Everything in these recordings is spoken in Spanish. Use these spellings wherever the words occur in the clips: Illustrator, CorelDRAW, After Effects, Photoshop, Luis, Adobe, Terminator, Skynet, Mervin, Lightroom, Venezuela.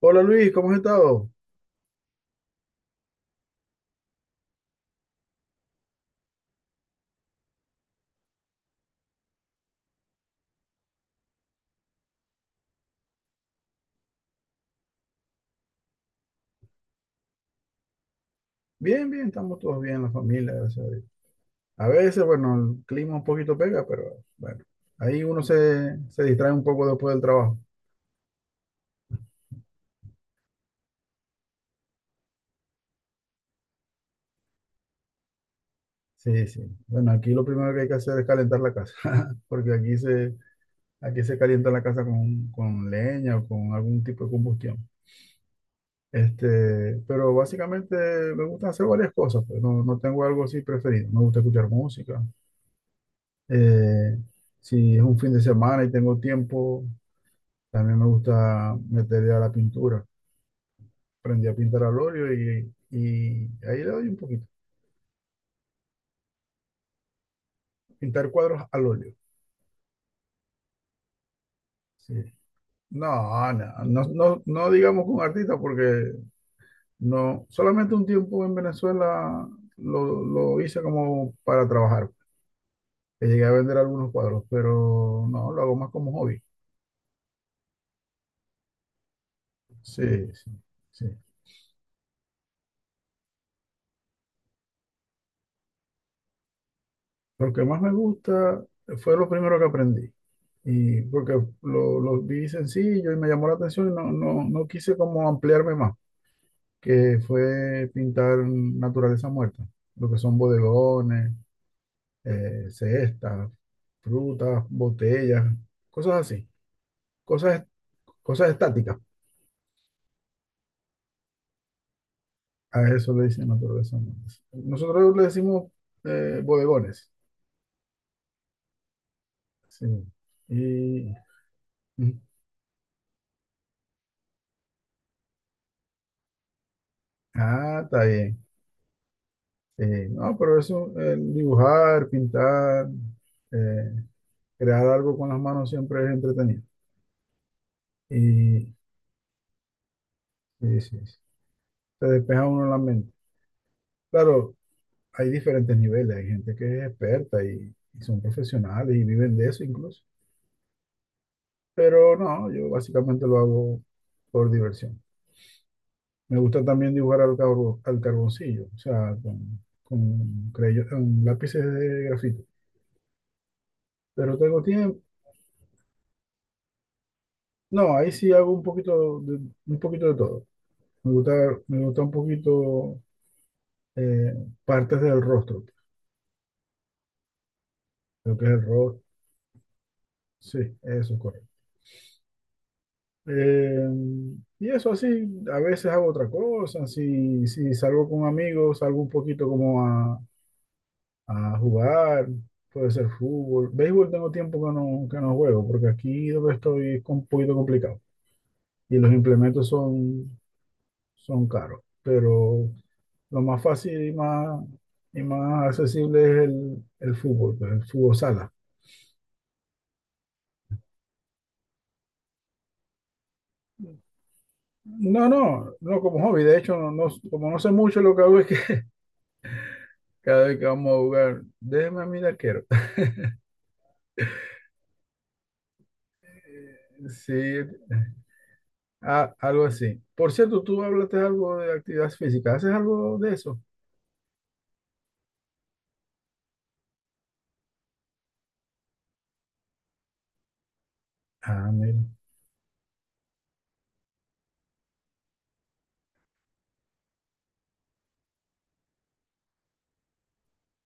Hola Luis, ¿cómo has estado? Bien, bien, estamos todos bien, la familia, gracias a Dios. A veces, bueno, el clima un poquito pega, pero bueno, ahí uno se distrae un poco después del trabajo. Sí, sí. Bueno, aquí lo primero que hay que hacer es calentar la casa, porque aquí se calienta la casa con leña o con algún tipo de combustión. Pero básicamente me gusta hacer varias cosas, pues no, no tengo algo así preferido. Me gusta escuchar música. Eh, si es un fin de semana y tengo tiempo. También me gusta meterle a la pintura. Aprendí a pintar al óleo y ahí le doy un poquito. Pintar cuadros al óleo. Sí. No, no, no, no, no digamos con artista porque no, solamente un tiempo en Venezuela lo hice como para trabajar. Que llegué a vender algunos cuadros, pero no, lo hago más como hobby. Sí, sí, sí. Lo que más me gusta fue lo primero que aprendí. Y porque lo vi sencillo y me llamó la atención y no, no, no quise como ampliarme más, que fue pintar naturaleza muerta, lo que son bodegones, cestas, frutas, botellas, cosas así, cosas, cosas estáticas. A eso le dicen naturaleza muerta. Nosotros le decimos bodegones. Sí. Y, ah, está bien. No, pero eso, el dibujar, pintar, eh, crear algo con las manos siempre es entretenido. Y sí, sí, sí. Te despeja uno la mente. Claro, hay diferentes niveles, hay gente que es experta y son profesionales y viven de eso incluso. Pero no, yo básicamente lo hago por diversión. Me gusta también dibujar al carboncillo, o sea, con, con lápices de grafito. Pero tengo tiempo. No, ahí sí hago un poquito de todo. Me gusta, me gusta un poquito eh, partes del rostro. Lo que es el rostro. Sí, eso es correcto. Eh, y eso así, a veces hago otra cosa. Si, si salgo con amigos, salgo un poquito como a jugar. Puede ser fútbol. Béisbol tengo tiempo que no juego, porque aquí donde estoy es un poquito complicado. Y los implementos son, son caros. Pero lo más fácil y más accesible es el fútbol, pues, el fútbol sala. No, no, no como hobby. De hecho, no, como no sé mucho, lo que hago es que cada vez que vamos a jugar, déjeme a mí de arquero. Sí, algo así. Por cierto, tú hablaste algo de actividad física. ¿Haces algo de eso? Ah, mira.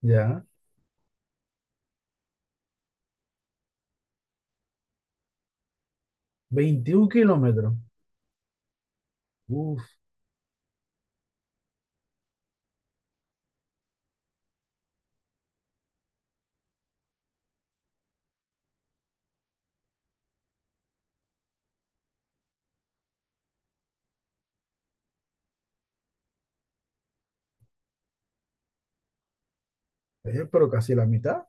Ya. 21 kilómetros. Uf, pero casi la mitad.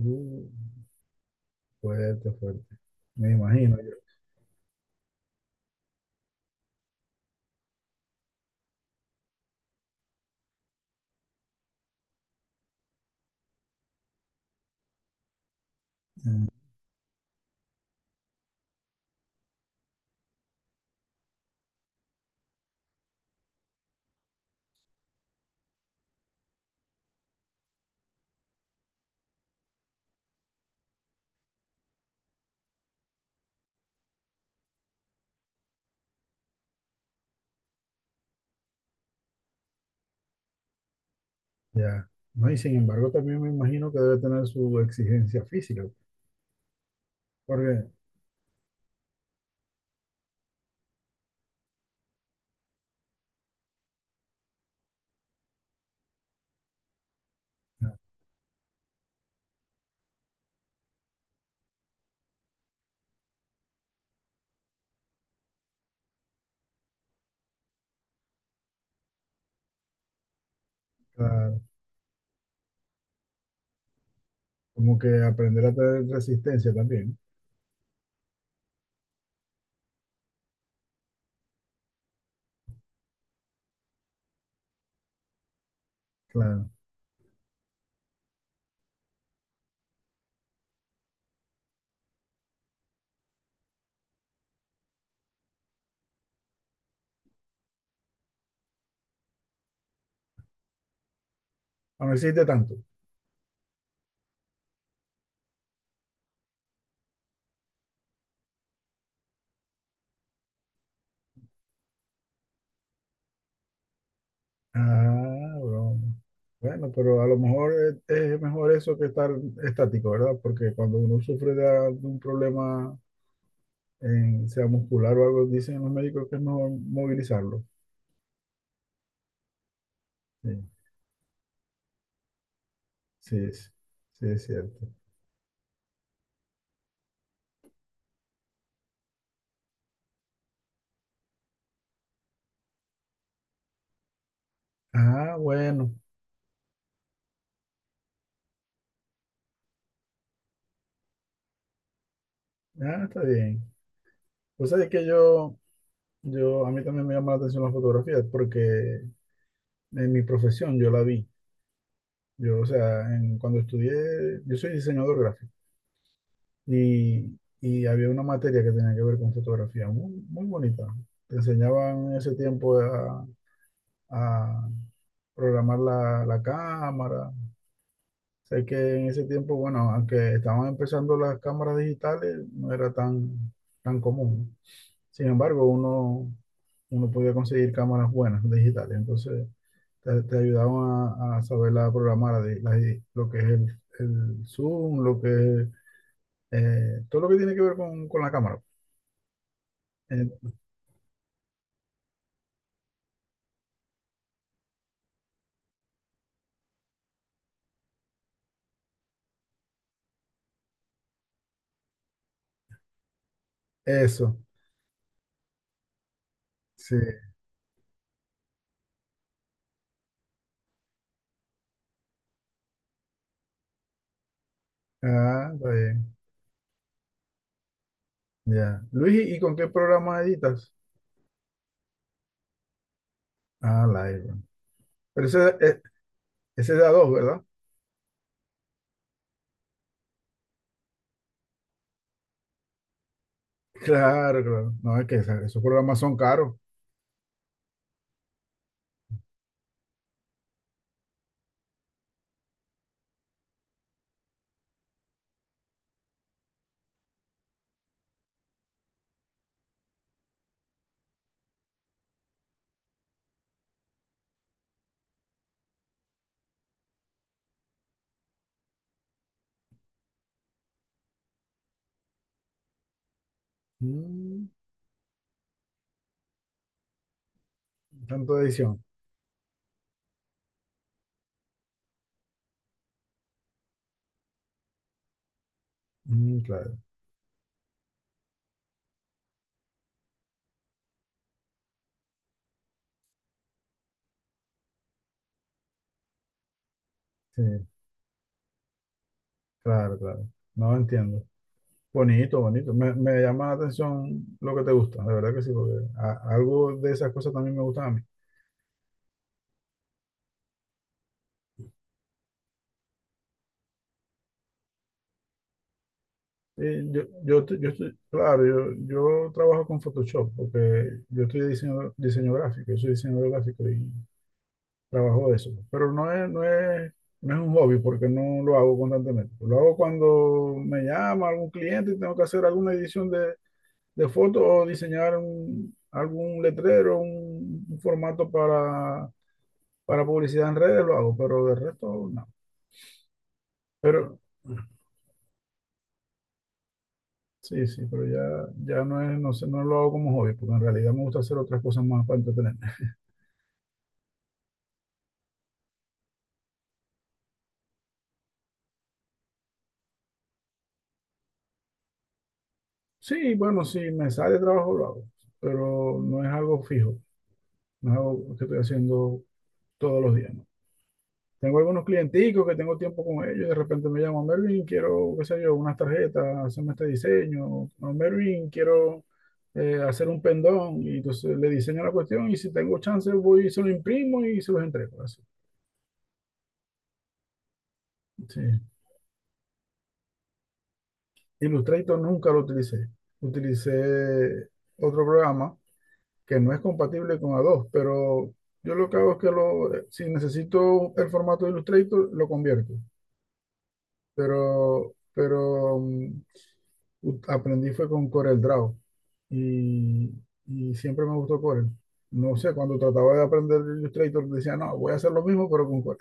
Uh, fuerte, fuerte. Me imagino yo. Mm, ya. No, y sin embargo, también me imagino que debe tener su exigencia física. Porque, ah, claro, como que aprender a tener resistencia también, claro. Ah, no existe tanto. Ah, broma. Bueno, pero a lo mejor es mejor eso que estar estático, ¿verdad? Porque cuando uno sufre de de un problema, en, sea muscular o algo, dicen los médicos que es mejor movilizarlo. Sí, sí, sí, sí, es cierto. Ah, bueno. Ah, está bien. Pues sabes que yo, a mí también me llama la atención la fotografía porque en mi profesión yo la vi. Yo, o sea, cuando estudié, yo soy diseñador gráfico. Y había una materia que tenía que ver con fotografía, muy, muy bonita. Te enseñaban en ese tiempo a programar la, la cámara. Sé que en ese tiempo, bueno, aunque estaban empezando las cámaras digitales, no era tan, tan común. Sin embargo, uno, uno podía conseguir cámaras buenas, digitales. Entonces, te ayudaban a saber la programar, lo que es el zoom, lo que es todo lo que tiene que ver con la cámara. Eso, sí. Ah, está bien. Ya. Luis, ¿y con qué programa editas? Ah, Lightroom. Pero ese, ese es de a dos, ¿verdad? Claro, claro. No, es que esos programas son caros. Mm, tanto de edición. Mm, claro, sí, claro, claro. No entiendo. Bonito, bonito. Me llama la atención lo que te gusta, de verdad que sí, porque algo de esas cosas también me gustan a mí. Claro, yo trabajo con Photoshop porque yo estoy diseño, diseño gráfico, yo soy diseñador gráfico y trabajo de eso. Pero no es, no es, no es un hobby porque no lo hago constantemente. Lo hago cuando me llama algún cliente y tengo que hacer alguna edición de foto o diseñar algún letrero, un formato para publicidad en redes, lo hago, pero de resto no. Pero, Sí, sí, pero ya, ya no es, no sé, no lo hago como hobby, porque en realidad me gusta hacer otras cosas más para entretenerme. Sí, bueno, si me sale trabajo lo hago, pero no es algo fijo, no es algo que estoy haciendo todos los días, ¿no? Tengo algunos clienticos que tengo tiempo con ellos, de repente me llaman, Mervin, quiero, qué sé yo, unas tarjetas, hacerme este diseño, o Mervin, quiero hacer un pendón, y entonces le diseño la cuestión, y si tengo chance voy y se lo imprimo y se los entrego, así. Sí. Illustrator nunca lo utilicé. Utilicé otro programa que no es compatible con Adobe, pero yo lo que hago es que lo, si necesito el formato de Illustrator, lo convierto. Pero aprendí fue con CorelDRAW y, y siempre me gustó Corel. No sé, cuando trataba de aprender Illustrator, decía, no, voy a hacer lo mismo, pero con Corel.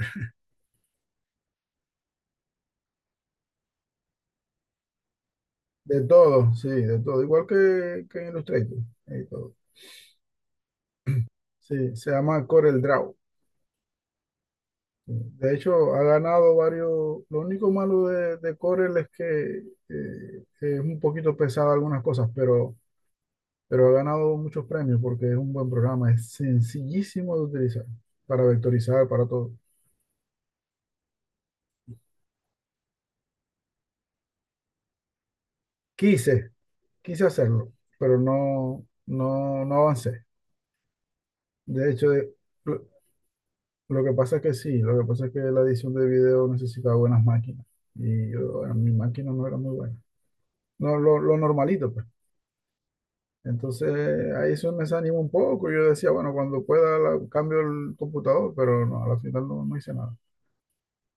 De todo, sí, de todo. Igual que en Illustrator. Y todo. Sí, se llama CorelDRAW. De hecho, ha ganado varios. Lo único malo de Corel es que es un poquito pesado algunas cosas, pero ha ganado muchos premios porque es un buen programa. Es sencillísimo de utilizar para vectorizar, para todo. Quise, quise hacerlo, pero no, no, no avancé. De hecho, de- lo, lo que pasa es que sí, lo que pasa es que la edición de video necesitaba buenas máquinas y yo, bueno, mi máquina no era muy buena. No, lo normalito, pues. Entonces ahí eso me desanimó un poco. Yo decía, bueno, cuando pueda cambio el computador, pero no, a la final no, no hice nada.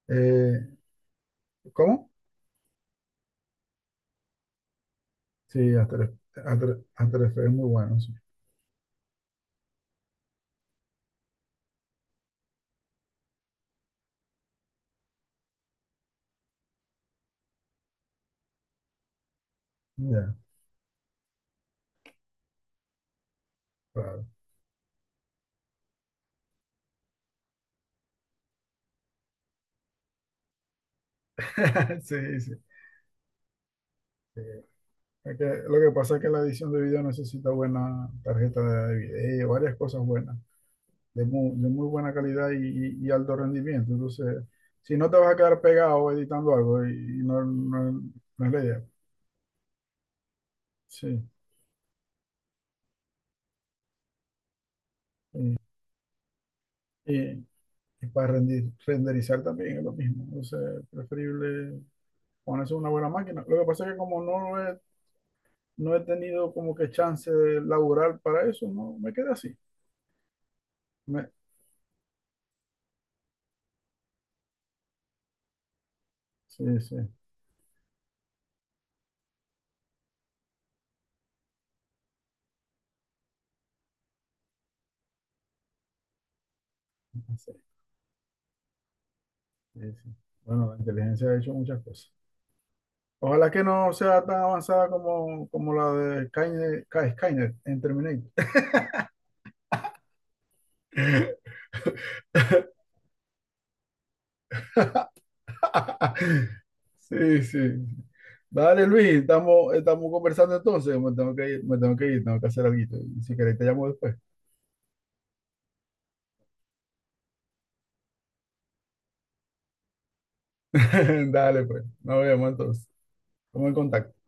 Eh, ¿Cómo? Sí, After, After Effects es muy bueno, sí. Ya, claro. Sí, sí. Sí. Es que lo que pasa es que la edición de video necesita buena tarjeta de video, varias cosas buenas, de muy buena calidad y, y alto rendimiento. Entonces, si no te vas a quedar pegado editando algo, y no, no, no es la idea. Sí. Y, Y para renderizar también es lo mismo. Entonces, preferible ponerse una buena máquina. Lo que pasa es que como no he, no he tenido como que chance de laburar para eso, no me quedé así. Me- sí, sí, sí, sí, sí. Bueno, la inteligencia ha hecho muchas cosas. Ojalá que no sea tan avanzada como, como la de Skynet, Skynet en Terminator. Sí, sí. Dale, Luis, estamos, estamos conversando entonces. Me tengo que ir, me tengo que ir, tengo que hacer algo. Y si querés, te llamo después. Dale, pues. Nos vemos entonces. Estamos en contacto.